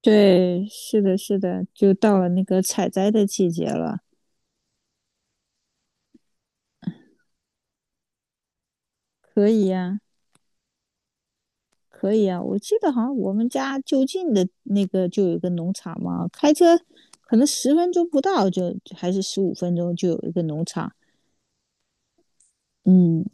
对，是的，是的，就到了那个采摘的季节了，可以呀，可以呀。我记得好像我们家就近的那个就有一个农场嘛，开车可能10分钟不到就还是15分钟就有一个农场。嗯，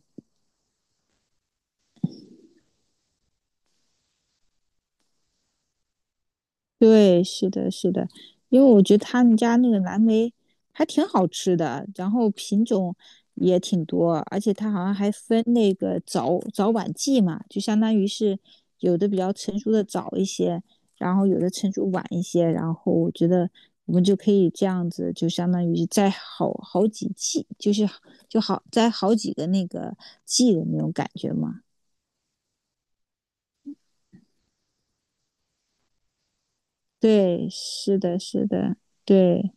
对，是的，是的，因为我觉得他们家那个蓝莓还挺好吃的，然后品种也挺多，而且它好像还分那个早晚季嘛，就相当于是有的比较成熟的早一些，然后有的成熟晚一些，然后我觉得我们就可以这样子，就相当于摘好几季，就是就好摘好几个那个季的那种感觉嘛。对，是的，是的，对。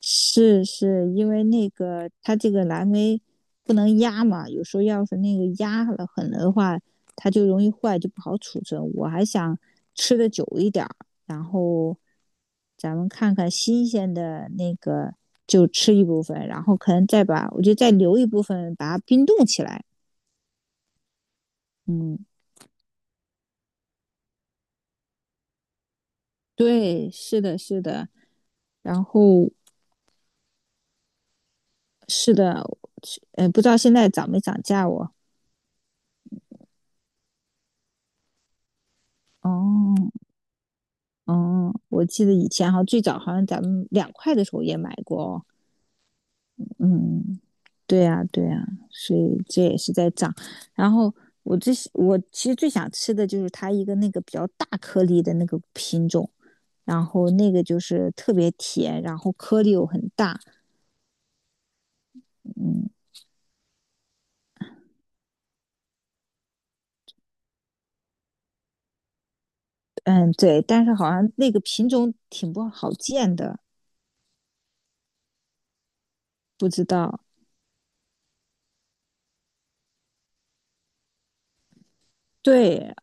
是是，因为那个它这个蓝莓不能压嘛，有时候要是那个压了狠了的话，它就容易坏，就不好储存。我还想吃的久一点儿，然后咱们看看新鲜的那个就吃一部分，然后可能再把我就再留一部分，把它冰冻起来。嗯，对，是的，是的，然后是的，不知道现在涨没涨价我。哦，哦，我记得以前好像最早好像咱们2块的时候也买过哦。嗯，对呀，对呀，所以这也是在涨。然后我其实最想吃的就是它一个那个比较大颗粒的那个品种，然后那个就是特别甜，然后颗粒又很大。嗯嗯，对，但是好像那个品种挺不好见的，不知道。对，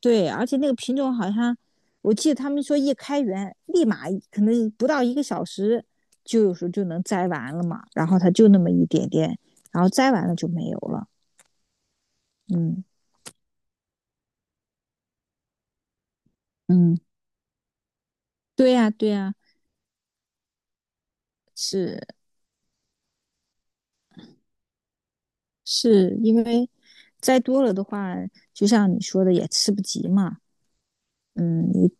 对，而且那个品种好像，我记得他们说一开园立马可能不到一个小时，就有时候就能摘完了嘛。然后它就那么一点点，然后摘完了就没有了。嗯嗯，对呀，对呀，是是因为摘多了的话，就像你说的也吃不及嘛。嗯，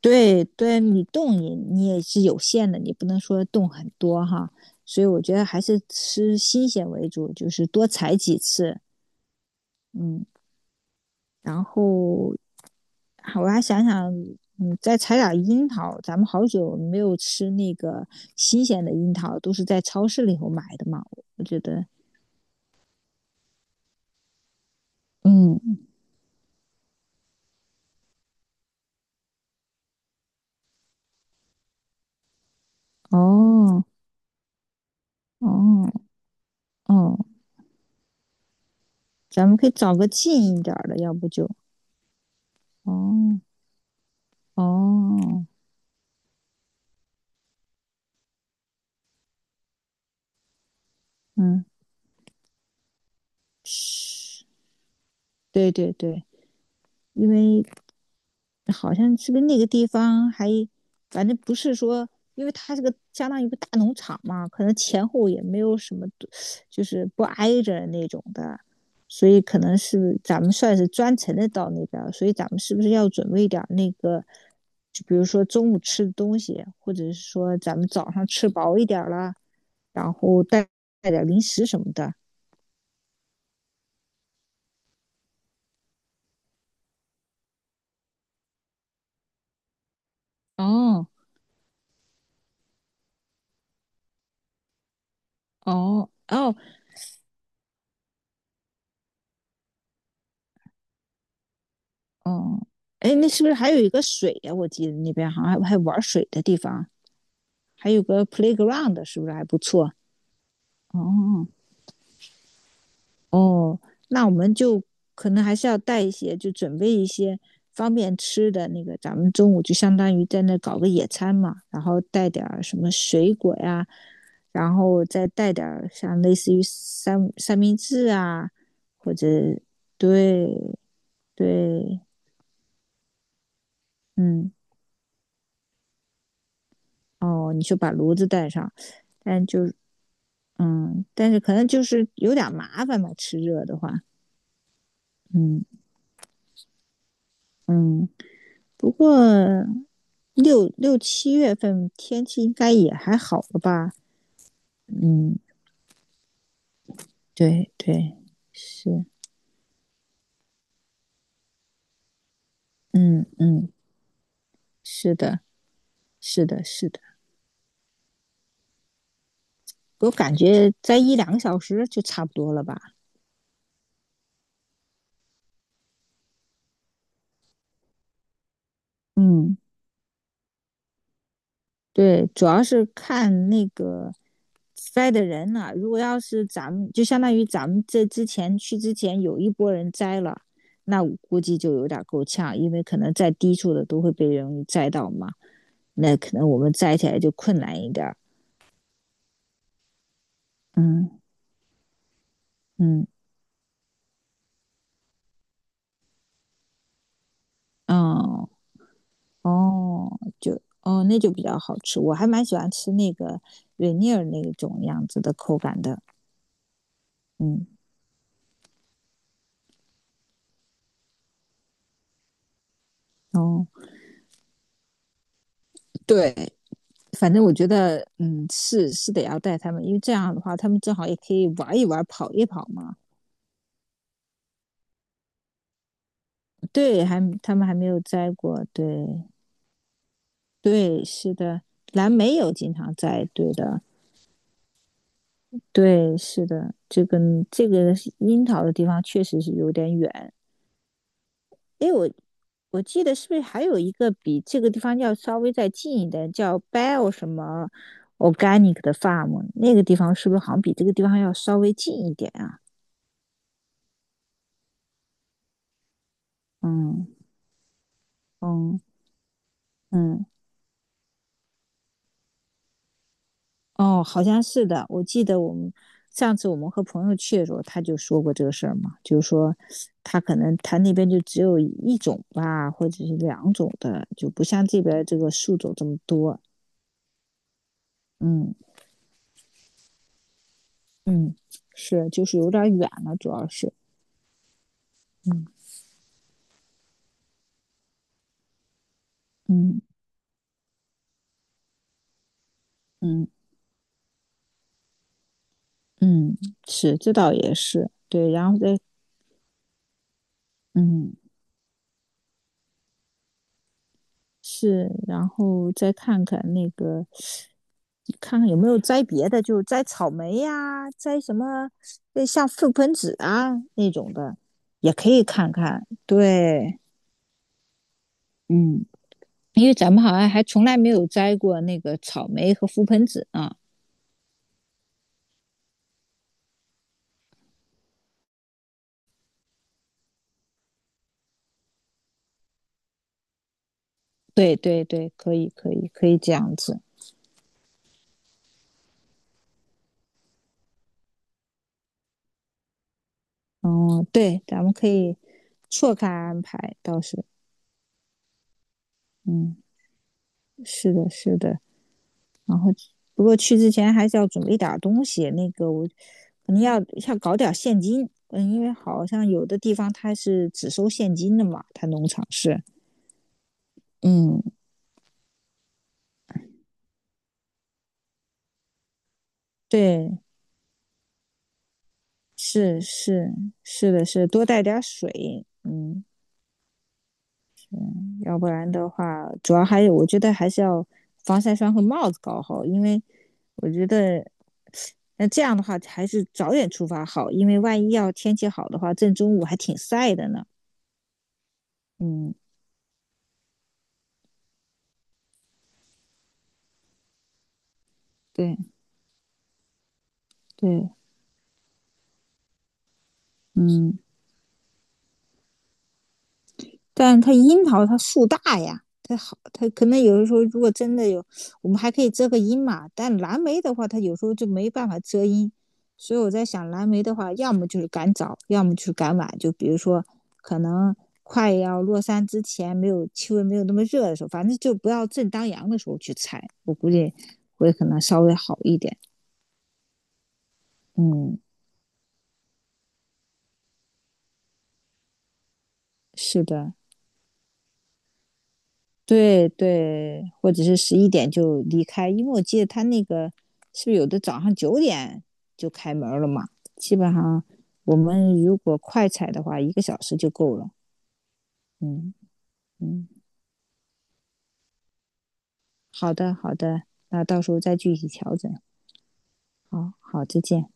对对，你动你也是有限的，你不能说动很多哈。所以我觉得还是吃新鲜为主，就是多采几次，嗯。然后，我还想想，嗯，再采点樱桃，咱们好久没有吃那个新鲜的樱桃，都是在超市里头买的嘛。我觉得，嗯，哦，哦，哦，咱们可以找个近一点儿的，要不就，哦，哦，嗯，是，对对对，因为好像是不是那个地方还，反正不是说，因为它这个相当于一个大农场嘛，可能前后也没有什么，就是不挨着那种的，所以可能是咱们算是专程的到那边，所以咱们是不是要准备点那个，就比如说中午吃的东西，或者是说咱们早上吃饱一点了，然后带点零食什么的。哦哦哦哦，哎，那是不是还有一个水呀？我记得那边好像还玩水的地方。还有个 playground 是不是还不错？哦哦，那我们就可能还是要带一些，就准备一些方便吃的那个。咱们中午就相当于在那搞个野餐嘛，然后带点什么水果呀，然后再带点像类似于三明治啊，或者对对，嗯哦，你就把炉子带上，但就嗯，但是可能就是有点麻烦吧，吃热的话，嗯嗯。不过六七月份天气应该也还好了吧？嗯，对对，是，嗯嗯，是的，是的，是的，我感觉在一两个小时就差不多了吧？嗯，对，主要是看那个栽的人了、如果要是咱们，就相当于咱们这之前去之前有一波人栽了，那我估计就有点够呛，因为可能在低处的都会被容易栽到嘛。那可能我们摘起来就困难一点儿。嗯嗯，哦哦，就哦，那就比较好吃。我还蛮喜欢吃那个瑞尼尔那种样子的口感的。嗯哦，对，反正我觉得，嗯，是是得要带他们，因为这样的话，他们正好也可以玩一玩、跑一跑嘛。对，还他们还没有摘过。对对，是的，蓝莓有经常摘，对的。对，是的，这个樱桃的地方确实是有点远，哎，我记得是不是还有一个比这个地方要稍微再近一点，叫 b e l l 什么 Organic 的 Farm，那个地方是不是好像比这个地方要稍微近一点啊？嗯嗯嗯，哦，好像是的。我记得我们上次我们和朋友去的时候，他就说过这个事儿嘛，就是说他可能他那边就只有一种吧，或者是两种的，就不像这边这个树种这么多。嗯嗯，是，就是有点儿远了，主要是，嗯嗯。嗯嗯，是，这倒也是，对，然后再嗯是，然后再看看那个，看看有没有摘别的，就摘草莓呀、摘什么，像覆盆子啊那种的，也可以看看。对，嗯，因为咱们好像还从来没有摘过那个草莓和覆盆子啊。对对对，可以可以可以这样子。哦，对，咱们可以错开安排，倒是，嗯，是的，是的。然后不过去之前还是要准备点东西，那个我可能要搞点现金，嗯，因为好像有的地方它是只收现金的嘛，它农场是，嗯，对，是是是的是，多带点水，嗯，要不然的话，主要还有我觉得还是要防晒霜和帽子搞好，因为我觉得。那这样的话，还是早点出发好，因为万一要天气好的话，正中午还挺晒的呢。嗯，对对，嗯，但它樱桃它树大呀，它好，它可能有的时候如果真的有，我们还可以遮个阴嘛。但蓝莓的话，它有时候就没办法遮阴，所以我在想，蓝莓的话，要么就是赶早，要么就是赶晚。就比如说，可能快要落山之前，没有气温没有那么热的时候，反正就不要正当阳的时候去采，我估计会可能稍微好一点。嗯，是的。对对，或者是11点就离开，因为我记得他那个是不是有的早上9点就开门了嘛？基本上我们如果快踩的话，一个小时就够了。嗯嗯，好的好的，那到时候再具体调整。好好，再见。